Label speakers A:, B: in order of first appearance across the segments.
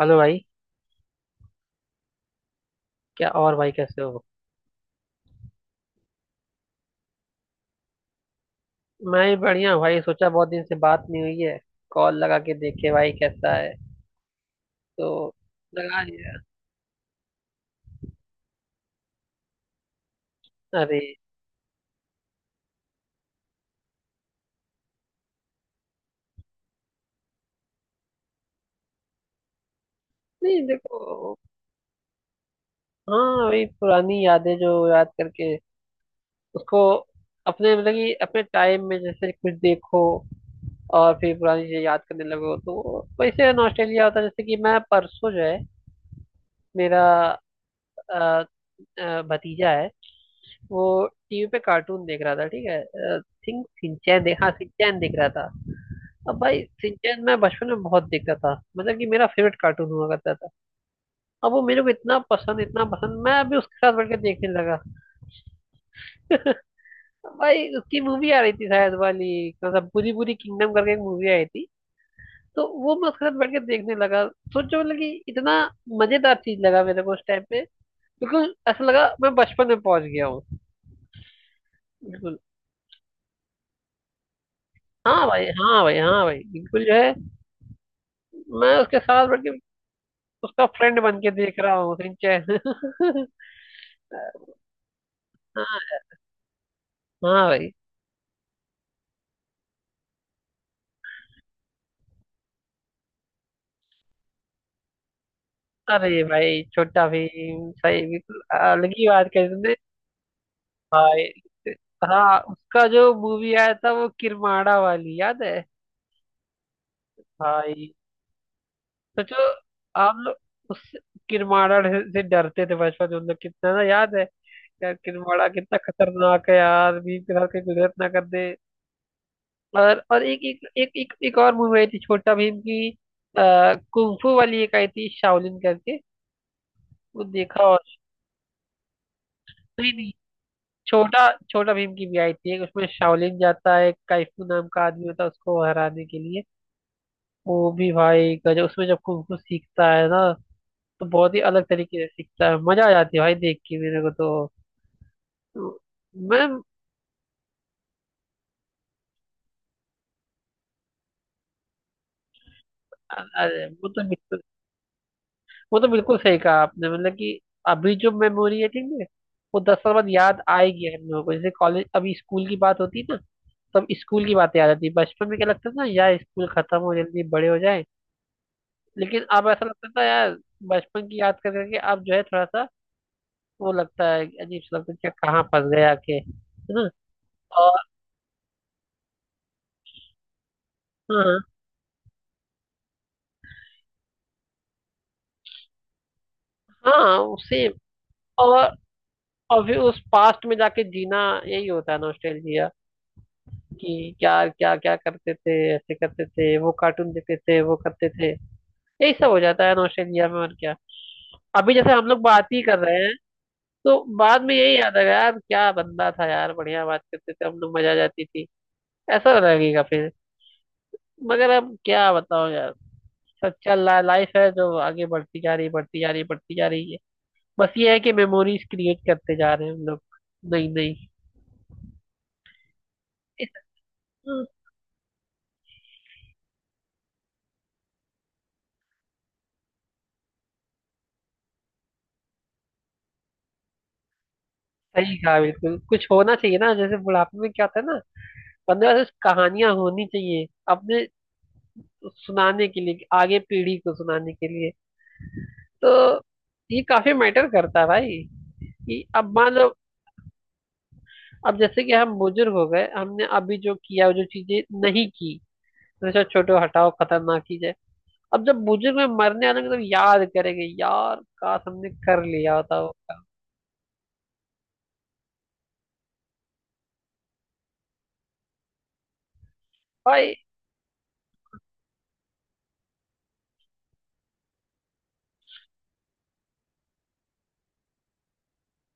A: Hello भाई। क्या और भाई कैसे हो। मैं भी बढ़िया हूँ भाई। सोचा बहुत दिन से बात नहीं हुई है। कॉल लगा के देखे भाई कैसा है। तो लगा लिया। अरे। नहीं देखो। हाँ, वही पुरानी यादें जो याद करके उसको अपने मतलब कि अपने टाइम में जैसे कुछ देखो और फिर पुरानी चीजें याद करने लगो तो वैसे नॉस्टैल्जिया होता है। जैसे कि मैं परसों जो है मेरा भतीजा है। वो टीवी पे कार्टून देख रहा था ठीक है। आई थिंक सिंचैन देख, हाँ सिंचैन देख रहा था। अब भाई सिंचैन मैं बचपन में बहुत देखता था, मतलब कि मेरा फेवरेट कार्टून हुआ करता था। अब वो मेरे को इतना पसंद इतना पसंद, मैं अभी उसके साथ बैठ के देखने लगा। अब भाई उसकी मूवी आ रही थी शायद वाली। मतलब पूरी पूरी किंगडम करके एक मूवी आई थी। तो वो मैं उसके साथ बैठ के देखने लगा। सोचो मतलब कि इतना मजेदार चीज लगा मेरे को उस टाइम पे। बिल्कुल ऐसा लगा मैं बचपन में पहुंच गया हूँ। बिल्कुल। हाँ भाई, हाँ भाई, हाँ भाई, बिल्कुल जो है। मैं उसके साथ बैठ के उसका फ्रेंड बन के देख रहा हूँ सिंचैन। हाँ। हाँ भाई। अरे भाई छोटा भीम सही, बिल्कुल अलग ही बात कही तुमने। भाई हाँ, उसका जो मूवी आया था वो किरमाड़ा वाली याद है। भाई सोचो, आप लोग उस किरमाड़ा से डरते थे बचपन में, हम लोग कितना, ना याद है। यार किरमाड़ा कितना खतरनाक है यार, भीम के साथ कहीं गुजरत ना कर दे। और एक एक एक एक, एक और मूवी आई थी छोटा भीम की। कुंफू वाली एक आई थी शाओलिन करके। वो देखा और। नहीं नहीं। छोटा छोटा भीम की भी आई थी एक, उसमें शाओलिन जाता है, काइफू नाम का आदमी होता है उसको हराने के लिए। वो भी भाई गजब, उसमें जब कुंफू सीखता है ना तो बहुत ही अलग तरीके से सीखता है, मजा आ जाती है भाई देख के मेरे को तो। तो मैं अरे वो तो, वो तो बिल्कुल सही कहा आपने, मतलब कि अभी जो मेमोरी है ठीक है, वो दस साल बाद याद आएगी हम लोगों को, जैसे कॉलेज अभी स्कूल की बात होती है ना तब स्कूल की बात याद आती है। बचपन में क्या लगता था ना यार, स्कूल खत्म हो जल्दी बड़े हो जाए। लेकिन अब ऐसा लगता था यार बचपन की याद कर करके, अब जो है थोड़ा सा वो लगता है, अजीब सा लगता है कि कहाँ फंस गए आके, है ना। और हाँ हाँ उसे। और और फिर उस पास्ट में जाके जीना, यही होता है नॉस्टैल्जिया। कि यार क्या क्या करते थे, ऐसे करते थे, वो कार्टून देखते थे, वो करते थे, यही सब हो जाता है नॉस्टैल्जिया में, और क्या। अभी जैसे हम लोग बात ही कर रहे हैं, तो बाद में यही याद आएगा, यार क्या बंदा था यार, बढ़िया बात करते थे हम लोग, मजा आ जाती थी। ऐसा तो लगेगा फिर। मगर अब क्या बताओ यार, सच्चा लाइफ है जो आगे बढ़ती जा रही बढ़ती जा रही बढ़ती जा रही है। बस ये है कि मेमोरीज क्रिएट करते जा रहे हैं हम लोग। नहीं नहीं। इस- सही कहा बिल्कुल, कुछ होना चाहिए ना जैसे बुढ़ापे में क्या होता है ना। पंद्रह से कहानियां होनी चाहिए अपने सुनाने के लिए, कि आगे पीढ़ी को सुनाने के लिए। तो ये काफी मैटर करता है भाई, कि अब मान लो, अब जैसे कि हम बुजुर्ग हो गए, हमने अभी जो किया, जो चीजें नहीं की, जैसे छोटो हटाओ खतरनाक चीज है। अब जब बुजुर्ग में मरने आने तब याद करेंगे, यार काश हमने कर लिया होता वो काम। भाई।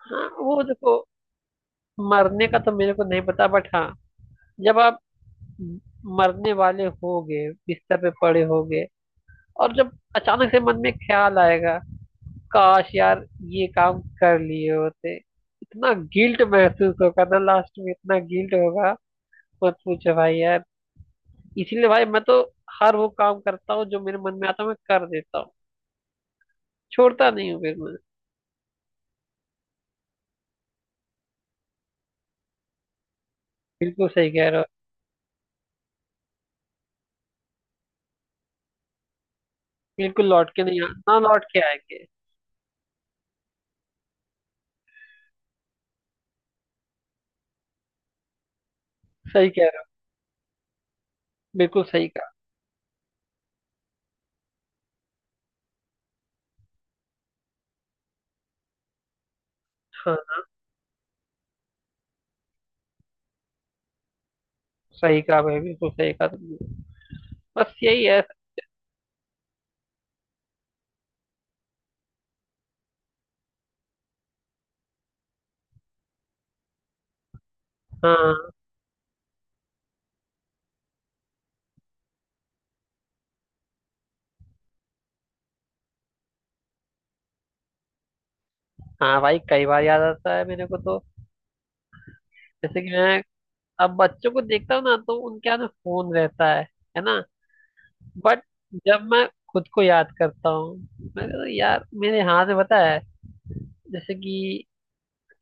A: हाँ वो देखो, मरने का तो मेरे को नहीं पता, बट हाँ, जब आप मरने वाले होगे, बिस्तर पे पड़े होगे, और जब अचानक से मन में ख्याल आएगा, काश यार ये काम कर लिए होते, इतना गिल्ट महसूस होगा ना, लास्ट में इतना गिल्ट होगा, मत पूछो भाई यार। इसीलिए भाई मैं तो हर वो काम करता हूँ जो मेरे मन में आता है, मैं कर देता हूँ, छोड़ता नहीं हूँ फिर मैं। बिल्कुल सही कह रहे हो। बिल्कुल लौट के नहीं आ- ना लौट के आएंगे। सही कह रहे हो। बिल्कुल सही कहा। हाँ, सही कहा भाई, बिल्कुल सही कहा तुमने। बस यही है। हाँ। हाँ भाई, कई बार याद आता है मेरे को तो। जैसे कि मैं अब बच्चों को देखता हूँ ना, तो उनके हाथ में फोन रहता है ना। बट जब मैं खुद को याद करता हूँ, मैं कहता हूँ, यार मेरे हाथ में पता है, जैसे कि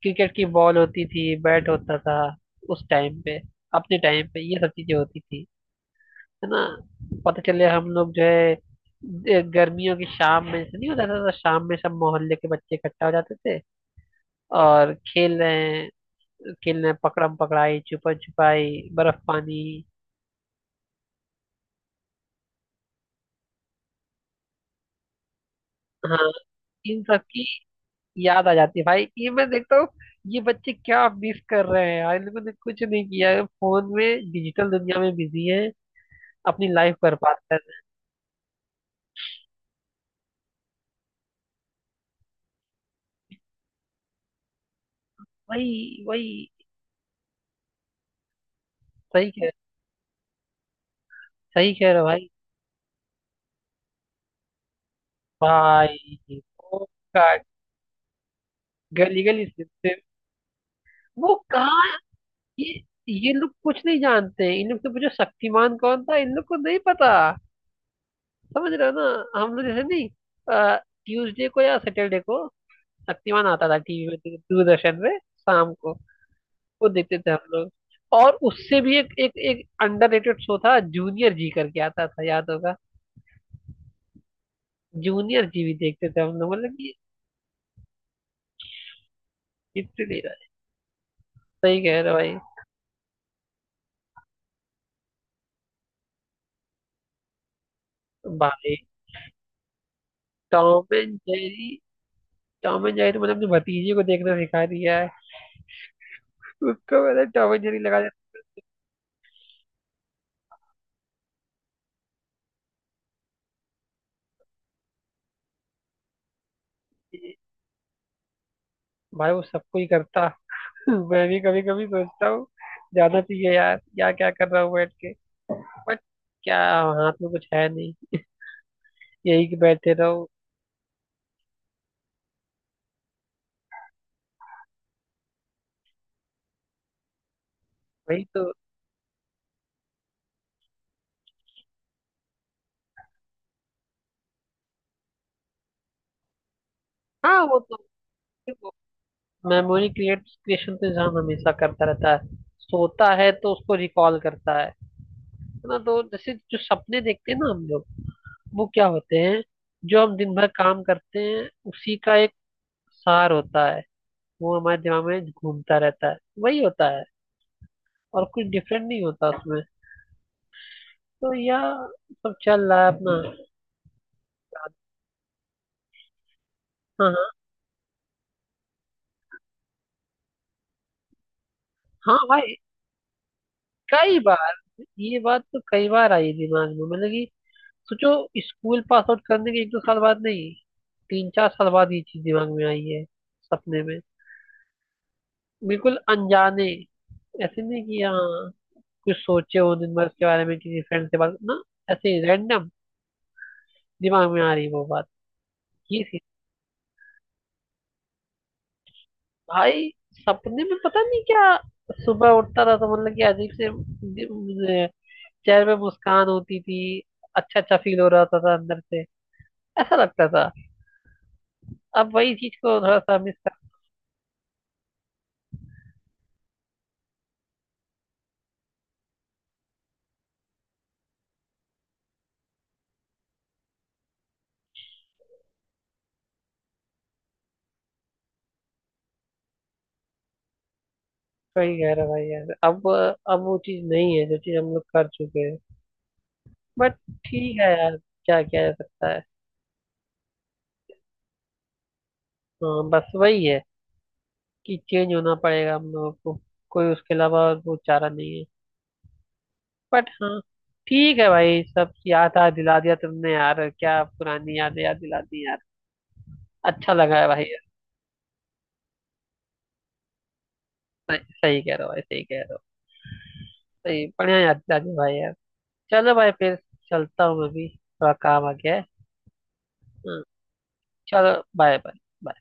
A: क्रिकेट की बॉल होती थी, बैट होता था उस टाइम पे। अपने टाइम पे ये सब चीजें होती थी, है ना। पता चले हम लोग जो है गर्मियों की शाम में, ऐसा नहीं होता था तो, शाम में सब मोहल्ले के बच्चे इकट्ठा हो जाते थे और खेल रहे हैं पकड़म पकड़ाई, छुपन छुपाई, बर्फ पानी। हाँ, इन सब की याद आ जाती है भाई। ये मैं देखता हूँ ये बच्चे क्या मिस कर रहे हैं यार, इन लोगों ने कुछ नहीं किया है, फोन में डिजिटल दुनिया में बिजी है, अपनी लाइफ बर्बाद कर रहे हैं। वही वही। सही कह सही कह रहे हो भाई। भाई वो का, गली गली सिस्टम वो कहाँ। ये ये लोग कुछ नहीं जानते हैं। इन लोग से पूछो शक्तिमान कौन था, इन लोग को नहीं पता। समझ रहे हो ना, हम लोग जैसे नहीं। ट्यूसडे को या सैटरडे को शक्तिमान आता था टीवी में दूरदर्शन में शाम को। वो देखते थे हम लोग। और उससे भी एक एक एक अंडररेटेड शो था, जूनियर जी करके आता था, याद होगा। जूनियर जी भी देखते थे हम लोग, मतलब कि लिटरली। सही कह रहे हो भाई। भाई Tom and Jerry. Tom and Jerry तो मतलब अपने भतीजे को देखना सिखा दिया है, उसको मैंने टॉम एंड जेरी लगा देती है। भाई वो सबको ही करता। मैं भी कभी कभी सोचता हूँ, जाना चाहिए यार, या क्या कर रहा हूँ बैठ के, बट क्या, हाथ में कुछ है नहीं, यही कि बैठे रहो। वही तो। हाँ वो तो। मेमोरी क्रिएट क्रिएशन तो इंसान हमेशा करता रहता है, सोता है तो उसको रिकॉल करता है ना। तो जैसे जो सपने देखते हैं ना हम लोग, वो क्या होते हैं, जो हम दिन भर काम करते हैं उसी का एक सार होता है, वो हमारे दिमाग में घूमता रहता है, वही होता है और कुछ डिफरेंट नहीं होता उसमें। तो यह सब चल रहा है अपना। हाँ। हाँ। हाँ भाई, कई बार। ये बात तो कई बार आई दिमाग में, मतलब कि सोचो, स्कूल पास आउट करने के एक दो साल बाद नहीं, तीन चार साल बाद ये चीज दिमाग में आई है। सपने में बिल्कुल अनजाने, ऐसे नहीं कि हाँ कुछ सोचे हो दिन भर इसके बारे में, किसी फ्रेंड से बात ना, ऐसे ही रैंडम दिमाग में आ रही वो बात, ये थी। भाई सपने में पता नहीं क्या, सुबह उठता था तो मतलब कि अजीब से मुझे चेहरे पे मुस्कान होती थी, अच्छा अच्छा फील हो रहा था अंदर से, ऐसा लगता था। अब वही चीज को थोड़ा सा मिस। सही कह रहा भाई यार, अब वो चीज नहीं है जो चीज हम लोग कर चुके हैं बट। ठीक है यार, क्या किया जा सकता है। हाँ बस वही है कि चेंज होना पड़ेगा हम लोगों को, कोई उसके अलावा और वो चारा नहीं है, बट हाँ। ठीक है भाई, सब याद आ दिला दिया तुमने यार, क्या पुरानी यादें याद दिला दी यार। अच्छा लगा है भाई यार। सही सही कह रहे हो भाई, सही कह रहे हो। सही बढ़िया याद दिला दी भाई यार। चलो भाई फिर, चलता हूँ मैं भी, थोड़ा काम आ गया है। हाँ, चलो, बाय बाय।